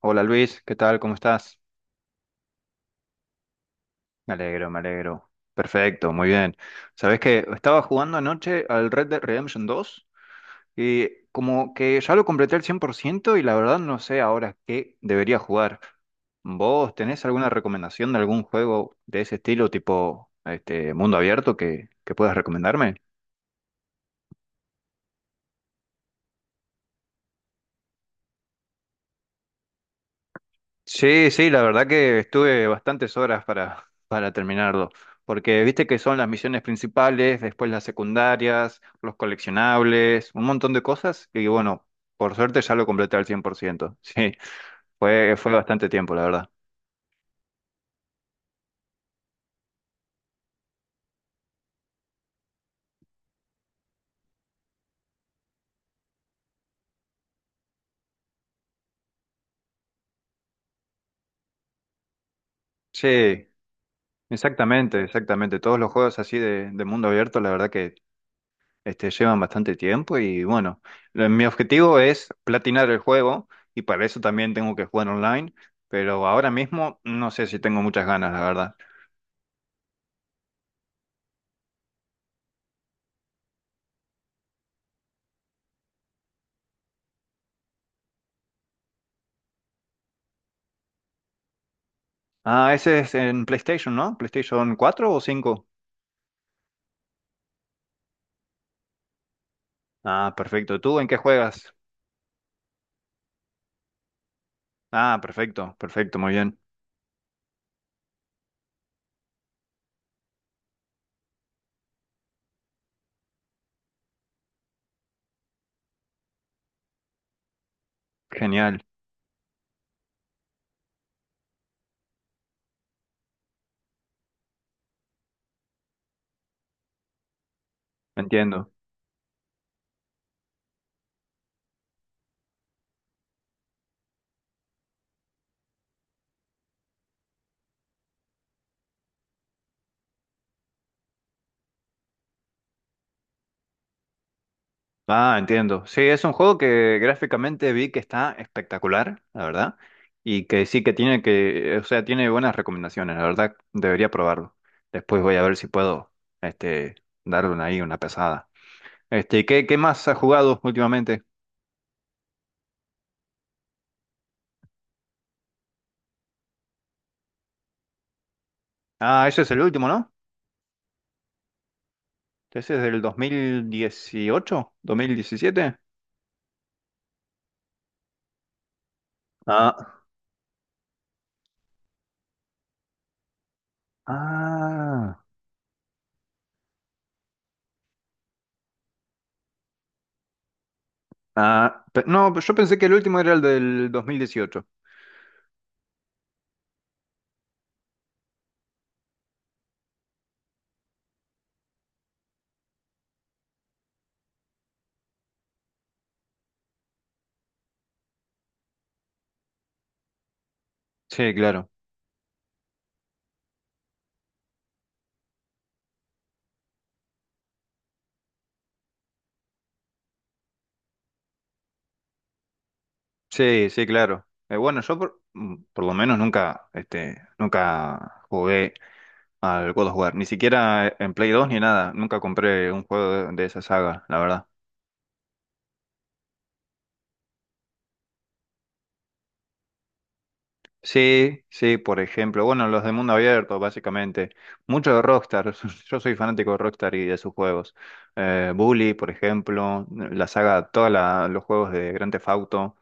Hola Luis, ¿qué tal? ¿Cómo estás? Me alegro, me alegro. Perfecto, muy bien. Sabes que estaba jugando anoche al Red Dead Redemption dos y como que ya lo completé al 100% y la verdad no sé ahora qué debería jugar. ¿Vos tenés alguna recomendación de algún juego de ese estilo, tipo este mundo abierto que puedas recomendarme? Sí, sí, la verdad que estuve bastantes horas para terminarlo, porque viste que son las misiones principales, después las secundarias, los coleccionables, un montón de cosas, y bueno, por suerte ya lo completé al 100%. Sí, fue bastante tiempo, la verdad. Sí, exactamente, exactamente, todos los juegos así de mundo abierto, la verdad que este, llevan bastante tiempo y bueno, mi objetivo es platinar el juego y para eso también tengo que jugar online, pero ahora mismo no sé si tengo muchas ganas, la verdad. Ah, ese es en PlayStation, ¿no? ¿PlayStation 4 o cinco? Ah, perfecto. ¿Tú en qué juegas? Ah, perfecto, perfecto, muy bien. Genial, entiendo. Ah, entiendo. Sí, es un juego que gráficamente vi que está espectacular, la verdad, y que sí que tiene que, o sea, tiene buenas recomendaciones, la verdad, debería probarlo. Después voy a ver si puedo, este, darle una ahí una pesada. Este, ¿Qué más has jugado últimamente? Ah, ese es el último, ¿no? Ese es del dos mil dieciocho, 2017. Ah, ah, ah, no, yo pensé que el último era el del 2018. Sí, claro. Sí, sí, claro. Bueno, yo por lo menos nunca, nunca jugué al God of War, ni siquiera en Play 2 ni nada. Nunca compré un juego de esa saga, la verdad. Sí, sí, por ejemplo, bueno, los de mundo abierto, básicamente. Mucho de Rockstar. Yo soy fanático de Rockstar y de sus juegos. Bully, por ejemplo, la saga, todos los juegos de Grand Theft Auto.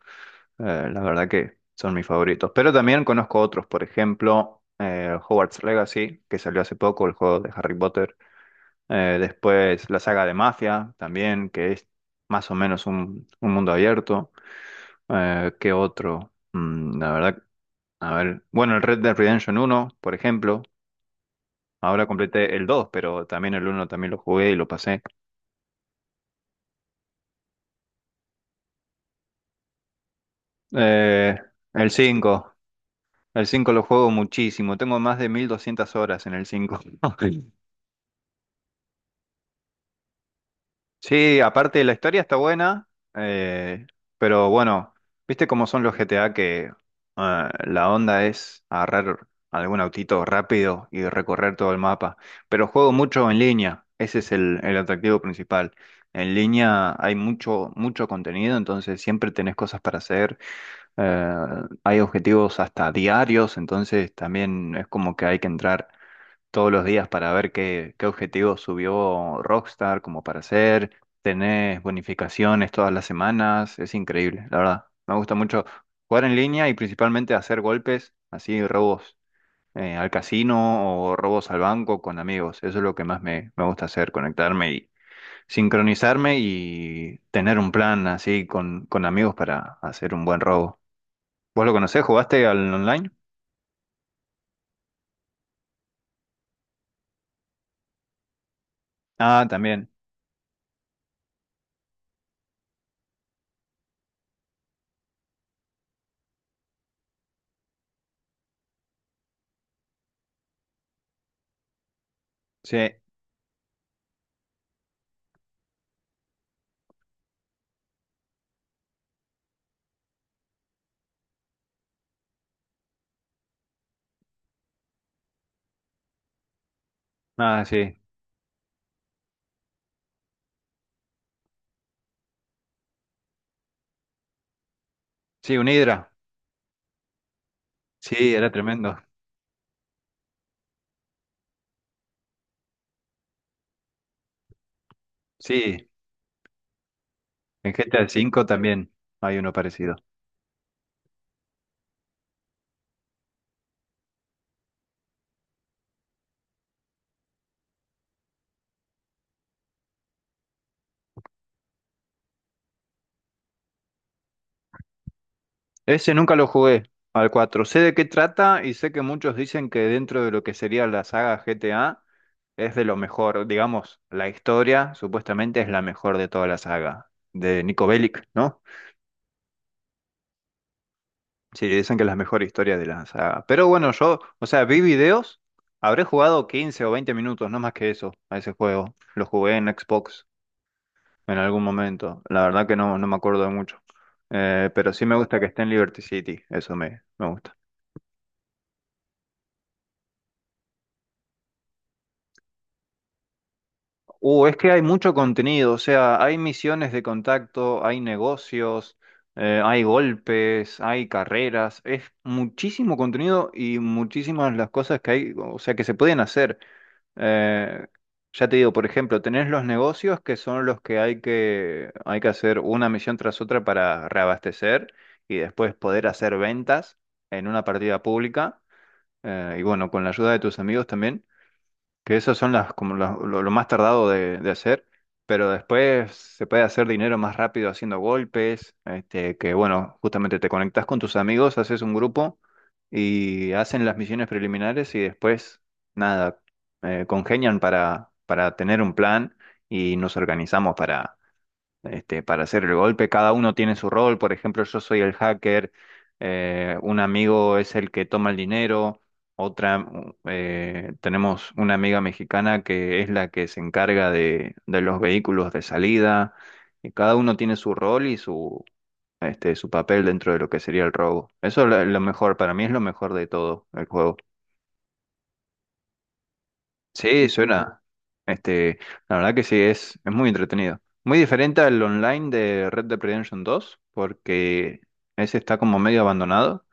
La verdad que son mis favoritos. Pero también conozco otros, por ejemplo, Hogwarts Legacy, que salió hace poco, el juego de Harry Potter. Después la saga de Mafia, también, que es más o menos un mundo abierto. ¿Qué otro? La verdad, a ver. Bueno, el Red Dead Redemption uno por ejemplo. Ahora completé el 2 pero también el uno también lo jugué y lo pasé. Eh, el 5 El 5 lo juego muchísimo. Tengo más de 1.200 horas en el cinco. Sí, aparte la historia está buena, eh, pero bueno, viste cómo son los GTA que la onda es agarrar algún autito rápido y recorrer todo el mapa. Pero juego mucho en línea, ese es el atractivo principal. En línea hay mucho, mucho contenido, entonces siempre tenés cosas para hacer. eh, Hay objetivos hasta diarios, entonces también es como que hay que entrar todos los días para ver qué objetivos subió Rockstar como para hacer. Tenés bonificaciones todas las semanas. Es increíble, la verdad. Me gusta mucho jugar en línea y principalmente hacer golpes, así robos al casino o robos al banco con amigos. Eso es lo que más me gusta hacer, conectarme y sincronizarme y tener un plan así con amigos para hacer un buen robo. ¿Vos lo conocés? ¿Jugaste al online? Ah, también. Sí. Ah, sí. Sí, un Hydra. Sí, era tremendo. Sí, en GTA V también hay uno parecido. Ese nunca lo jugué, al 4. Sé de qué trata y sé que muchos dicen que dentro de lo que sería la saga GTA es de lo mejor. Digamos, la historia supuestamente es la mejor de toda la saga, de Nico Bellic, ¿no? Sí, dicen que es la mejor historia de la saga. Pero bueno, yo, o sea, vi videos, habré jugado 15 o 20 minutos, no más que eso, a ese juego. Lo jugué en Xbox en algún momento. La verdad que no, no me acuerdo de mucho. Pero sí me gusta que esté en Liberty City, eso me gusta. Es que hay mucho contenido, o sea, hay misiones de contacto, hay negocios, hay golpes, hay carreras, es muchísimo contenido y muchísimas las cosas que hay, o sea, que se pueden hacer. Eh, ya te digo, por ejemplo, tenés los negocios que son los que hay que hacer una misión tras otra para reabastecer y después poder hacer ventas en una partida pública. Y bueno, con la ayuda de tus amigos también, que esas son las como lo más tardado de hacer, pero después se puede hacer dinero más rápido haciendo golpes, este, que bueno, justamente te conectas con tus amigos, haces un grupo y hacen las misiones preliminares y después nada, congenian para tener un plan y nos organizamos, este, para hacer el golpe. Cada uno tiene su rol. Por ejemplo, yo soy el hacker, un amigo es el que toma el dinero, otra, tenemos una amiga mexicana que es la que se encarga de los vehículos de salida. Y cada uno tiene su rol y su papel dentro de lo que sería el robo. Eso es lo mejor, para mí es lo mejor de todo el juego. Sí, suena. Este, la verdad que sí, es muy entretenido. Muy diferente al online de Red Dead Redemption dos porque ese está como medio abandonado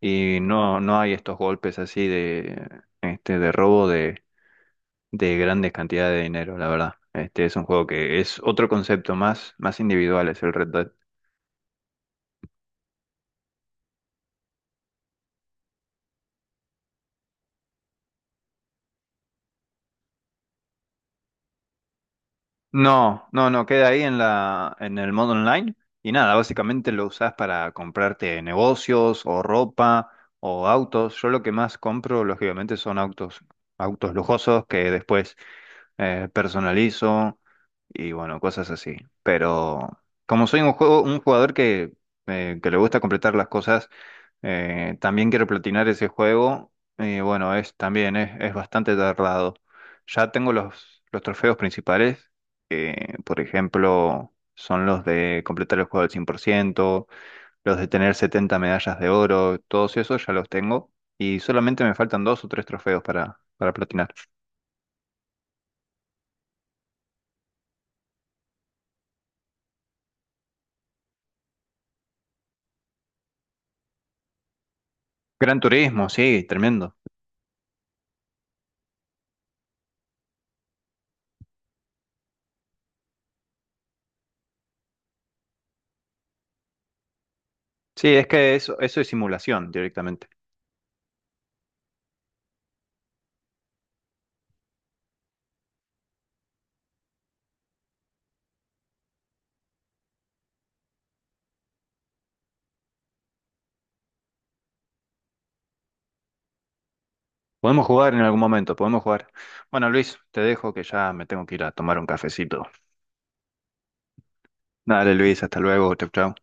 y no, no hay estos golpes así de robo de grandes cantidades de dinero, la verdad. Este es un juego que es otro concepto más, más individual, es el Red Dead. No, no, no, queda ahí en el modo online y nada, básicamente lo usás para comprarte negocios o ropa o autos. Yo lo que más compro, lógicamente, son autos, autos lujosos que después personalizo y bueno, cosas así. Pero como soy un jugador que le gusta completar las cosas, también quiero platinar ese juego. Y bueno, es también es bastante tardado. Ya tengo los trofeos principales, que por ejemplo son los de completar el juego al 100%, los de tener 70 medallas de oro, todos esos ya los tengo. Y solamente me faltan dos o tres trofeos para platinar. Gran Turismo, sí, tremendo. Sí, es que eso es simulación directamente. Podemos jugar en algún momento, podemos jugar. Bueno, Luis, te dejo que ya me tengo que ir a tomar un cafecito. Dale Luis, hasta luego, chau chau.